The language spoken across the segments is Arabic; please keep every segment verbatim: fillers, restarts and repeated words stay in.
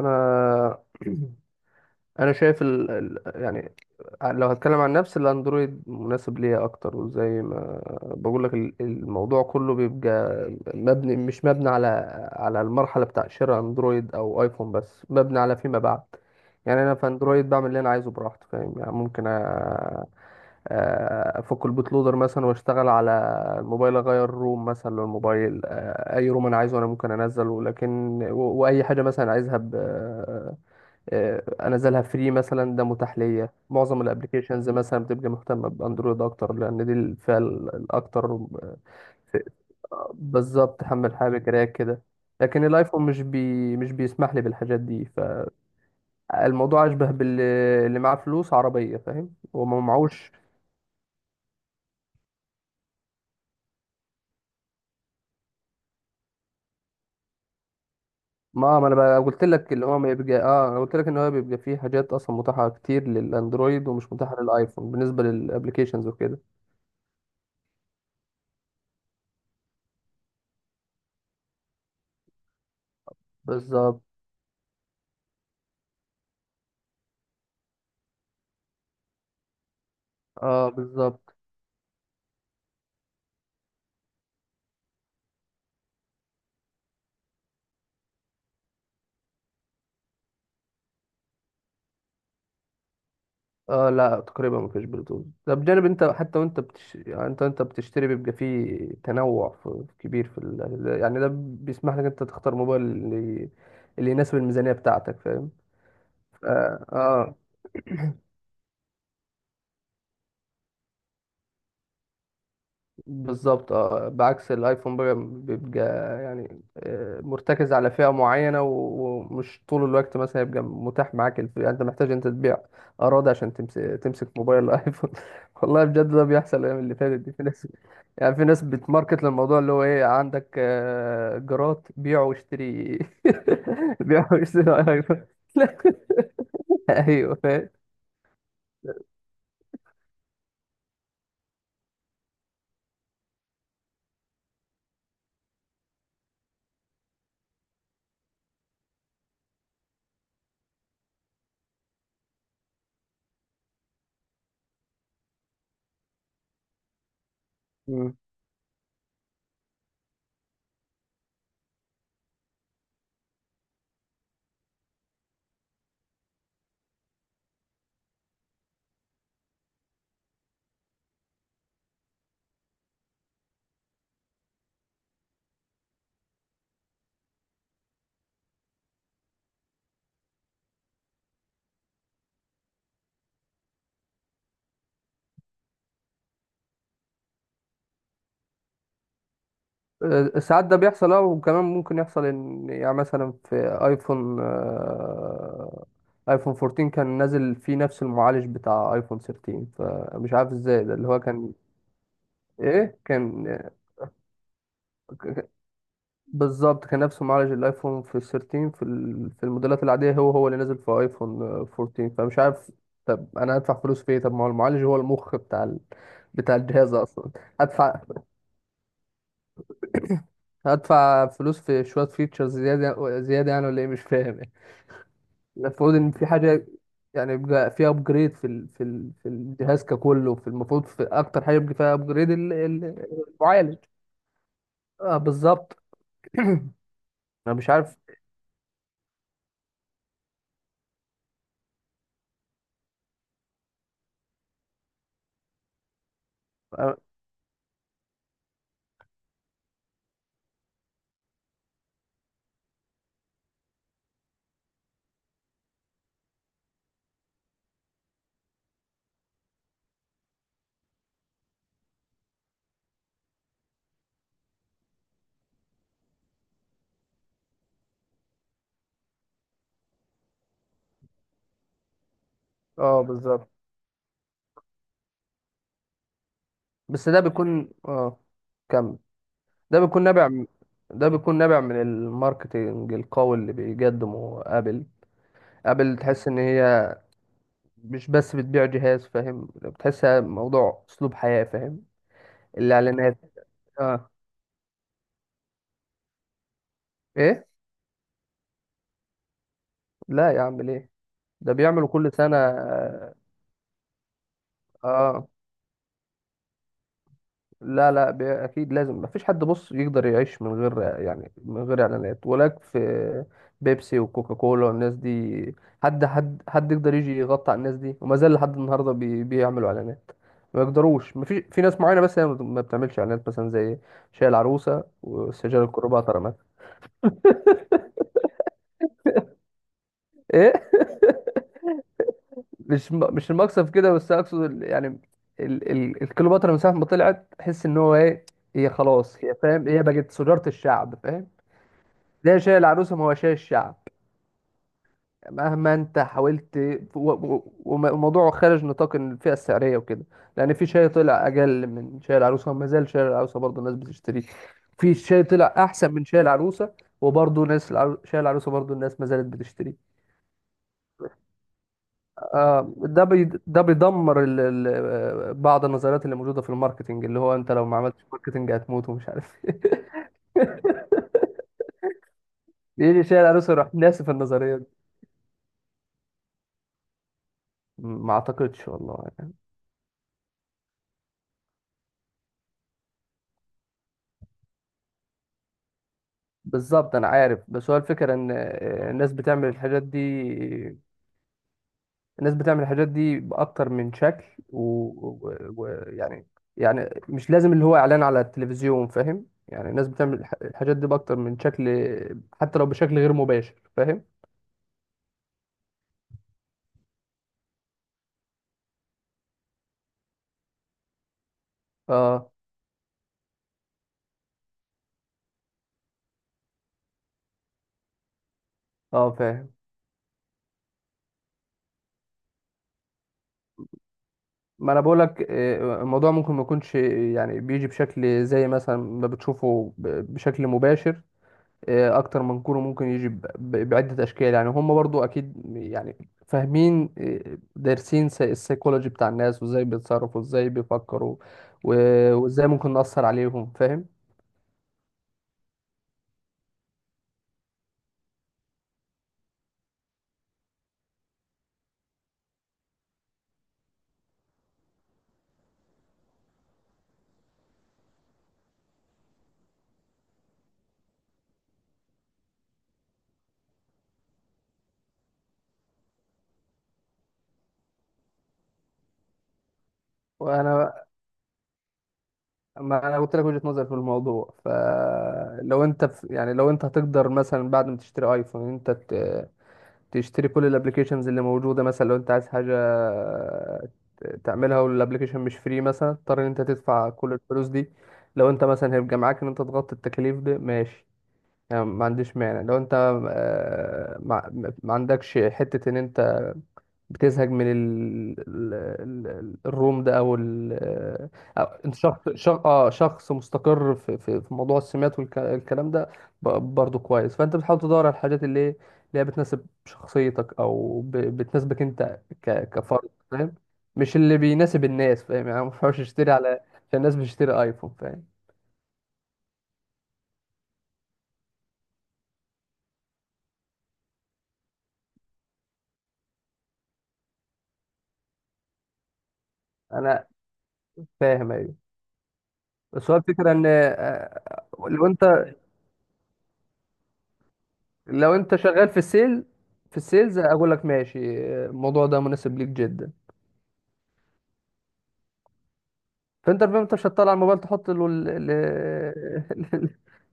انا انا شايف ال... ال... يعني، لو هتكلم عن نفسي الاندرويد مناسب ليا اكتر، وزي ما بقول لك ال- الموضوع كله بيبقى مبني مش مبني على على المرحله بتاع شراء اندرويد او ايفون، بس مبني على فيما بعد. يعني انا في اندرويد بعمل اللي انا عايزه براحتي، فاهم؟ يعني ممكن أ- أ- افك البوت لودر مثلا، واشتغل على الموبايل، اغير روم مثلا للموبايل، أ- اي روم انا عايزه انا ممكن انزله، لكن و- واي حاجه مثلا عايزها آه، انزلها فري مثلا، ده متاح ليا. معظم الابلكيشنز مثلا بتبقى مهتمه باندرويد اكتر، لان دي الفئه ال- الاكتر. آه، في- آه، بالظبط، حمل حاجه بكراك كده، لكن الايفون مش بي مش بيسمح لي بالحاجات دي. فالموضوع اشبه باللي، اللي معاه فلوس عربيه، فاهم؟ وما معهوش. ما ما انا بقى قلت لك، اللي هو ما يبقى اه انا قلت لك ان هو بيبقى فيه حاجات اصلا متاحه كتير للاندرويد، ومش متاحه للايفون، بالنسبه للابلكيشنز وكده. بالظبط. اه بالظبط. اه لا، تقريبا ما فيش بلوتوث. ده بجانب، انت حتى وانت بتش... يعني انت انت بتشتري بيبقى فيه تنوع في... كبير في ال... يعني ده بيسمح لك انت تختار موبايل اللي, اللي يناسب الميزانية بتاعتك، فاهم؟ اه, آه بالظبط. اه بعكس الايفون بقى، بيبقى يعني آه مرتكز على فئة معينة، و... ومش طول الوقت مثلا يبقى متاح معاك الف... يعني انت محتاج انت تبيع اراضي عشان تمسك تمسك موبايل الايفون. والله بجد ده بيحصل الايام اللي فاتت دي. في ناس، يعني في ناس بتماركت للموضوع اللي هو ايه، عندك آه، جرات بيع واشتري. بيع واشتري على الايفون. لا، ايوه فاهم. مم. آه، ساعات ده بيحصل. اه وكمان ممكن يحصل ان يعني مثلا في ايفون آه، ايفون اربعتاشر كان نازل فيه نفس المعالج بتاع ايفون تلتاشر، فمش عارف ازاي ده اللي هو كان. ايه كان؟ بالظبط، كان نفس معالج الايفون في ثلاثة عشر، في ال- في الموديلات العاديه، هو هو اللي نزل في ايفون آه، اربعتاشر، فمش عارف طب انا هدفع فلوس في ايه؟ طب ما هو المعالج هو المخ بتاع ال... بتاع الجهاز اصلا. هدفع هدفع فلوس في شويه فيتشرز زياده زياده يعني؟ ولا ايه، مش فاهم يعني. المفروض ان في حاجه يعني، يبقى في ابجريد في ال... في ال... في الجهاز ككله. في المفروض، في اكتر حاجه يبقى فيها ابجريد المعالج. اه بالظبط. انا مش عارف. اه، آه بالظبط. بس ده بيكون اه، كمل. ده بيكون نابع م- ده بيكون نابع من الماركتينج القوي اللي بيقدمه ابل. ابل تحس ان هي مش بس بتبيع جهاز، فاهم؟ بتحسها موضوع اسلوب حياة، فاهم؟ الاعلانات. اه. ايه. لا يا عم، ليه؟ ده بيعملوا كل سنة، اه. آه. لا لا، بي- اكيد لازم. مفيش حد بص يقدر يعيش من غير، يعني من غير اعلانات. ولاك في بيبسي وكوكا كولا والناس دي، حد حد حد يقدر يجي يغطي على الناس دي؟ وما زال لحد النهارده بي بيعملوا اعلانات. ما يقدروش. مفيش، في ناس معينه بس هي ما ما بتعملش اعلانات، مثلا زي شاي العروسه والسجاير الكليوباترا مثلا. ايه. مش م- مش المقصد في كده، بس اقصد ال- يعني ال- ال- الكليوباترا من ساعه ما طلعت تحس ان هو ايه، هي خلاص، هي فاهم، هي بقت سجاره الشعب، فاهم؟ ده شاي العروسه، ما هو شاي الشعب، مهما انت حاولت. و- و- وم- والموضوع خارج نطاق الفئه السعريه وكده، لان في شاي طلع اجل من شاي العروسه، وما زال شاي العروسه برضه الناس بتشتريه. في شاي طلع احسن من شاي العروسه، وبرضه ناس العرو... شاي العروسه برضه الناس ما زالت بتشتريه. آه، ده بي... ده بيدمر ال... ال... آه، بعض النظريات اللي موجوده في الماركتنج، اللي هو انت لو ما عملتش ماركتنج هتموت ومش عارف ايه. بيجي شاي العروسه يروح ناسف النظريه دي. ما اعتقدش والله. بالظبط انا عارف، بس هو الفكره ان آه، الناس بتعمل الحاجات دي. الناس بتعمل الحاجات دي باكتر من شكل، ويعني و... و... و- يعني، يعني مش لازم اللي هو اعلان على التلفزيون، فاهم؟ يعني الناس بتعمل الح- الحاجات دي باكتر من شكل، حتى لو بشكل غير مباشر، فاهم؟ اه. اه فاهم. ما انا بقولك آه، الموضوع ممكن ما يكونش، يعني بيجي بشكل زي مثلا ما بتشوفه ب- بشكل مباشر. آه، اكتر من كوره ممكن يجي ب- ب- بعده اشكال، يعني هم برضو اكيد يعني فاهمين، آه، دارسين س- السيكولوجي بتاع الناس، وازاي بيتصرفوا وازاي بيفكروا و- وازاي ممكن نأثر عليهم، فاهم؟ وانا ما انا قلت لك وجهة نظري في الموضوع. فلو انت في، يعني لو انت هتقدر مثلا بعد ما تشتري ايفون انت تشتري كل الابلكيشنز اللي موجوده، مثلا لو انت عايز حاجه ت- تعملها والابلكيشن مش فري مثلا، تضطر ان انت تدفع كل الفلوس دي. لو انت مثلا هيبقى معاك ان انت تغطي التكاليف دي، ماشي. يعني ما عنديش مانع. لو انت آه، ما ما عندكش حتة ان انت بتزهق من ال... ال... ال... الروم ده، او ال... آه، أو انت شخص شخص اه شخص مستقر في في في موضوع السمات والكلام ده، ب- برضه كويس. فانت بتحاول تدور على الحاجات اللي ايه، اللي هي بتناسب شخصيتك، او ب... بتناسبك انت ك... كفرد، فاهم؟ مش اللي بيناسب الناس، فاهم؟ يعني ما ينفعش اشتري على عشان الناس بتشتري ايفون، فاهم؟ انا فاهم ايوه، بس هو الفكرة ان آه. لو انت لو انت شغال في السيل في السيلز، اقول لك ماشي. آه، الموضوع ده مناسب ليك جدا. فانت الفيلم انت مش هتطلع الموبايل تحط له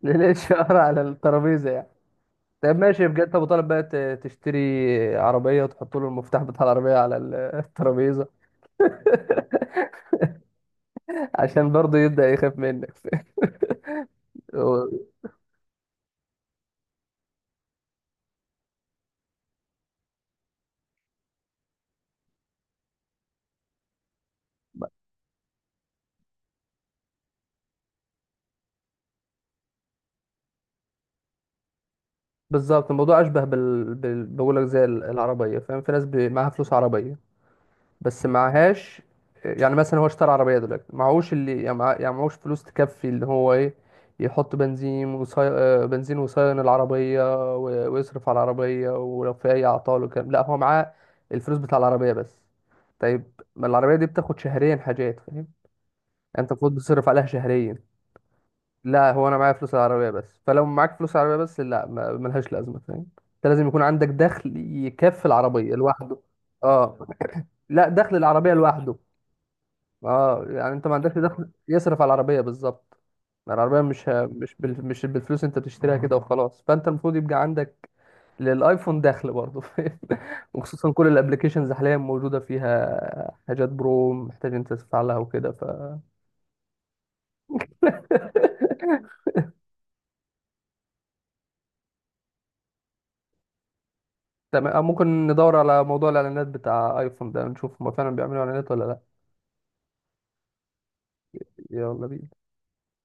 الاتش ار على الترابيزة يعني. طب ماشي بجد، ابو طالب بقى ت- تشتري عربية وتحط له المفتاح بتاع العربية على ال- الترابيزة، عشان برضه يبدأ يخاف منك. هو- بالظبط، الموضوع اشبه بال... بال... بقول لك زي العربية، فاهم؟ في ناس ب... معاها فلوس عربية، بس معهاش. يعني مثلا هو اشترى عربية دلوقتي، معهوش اللي يعني مع- يعني معهوش فلوس تكفي، اللي هو ايه، يحط بنزين وصي... آه، بنزين وصيان العربية و- ويصرف على العربية ولو في أي أعطال وكلام. لا، هو معاه الفلوس بتاع العربية بس. طيب، ما العربية دي بتاخد شهريا حاجات، فاهم يعني؟ أنت المفروض بتصرف عليها شهريا. لا، هو أنا معايا فلوس العربية بس، فلو معاك فلوس العربية بس لا ما- ملهاش لازمة، فاهم؟ أنت لازم يكون عندك دخل يكفي العربية لوحده. اه. لا، دخل العربية لوحده. اه يعني انت ما عندكش دخل يصرف على العربيه، بالظبط. يعني العربيه مش ه- مش بال... مش بالفلوس انت بتشتريها كده وخلاص، فانت المفروض يبقى عندك للايفون دخل برضه، فاهم؟ وخصوصا كل الابلكيشنز حاليا موجوده فيها حاجات برو محتاج انت تفعلها وكده، ف تمام ممكن ندور على موضوع الاعلانات بتاع ايفون ده، نشوف هما فعلا بيعملوا اعلانات ولا لا. يلا بينا.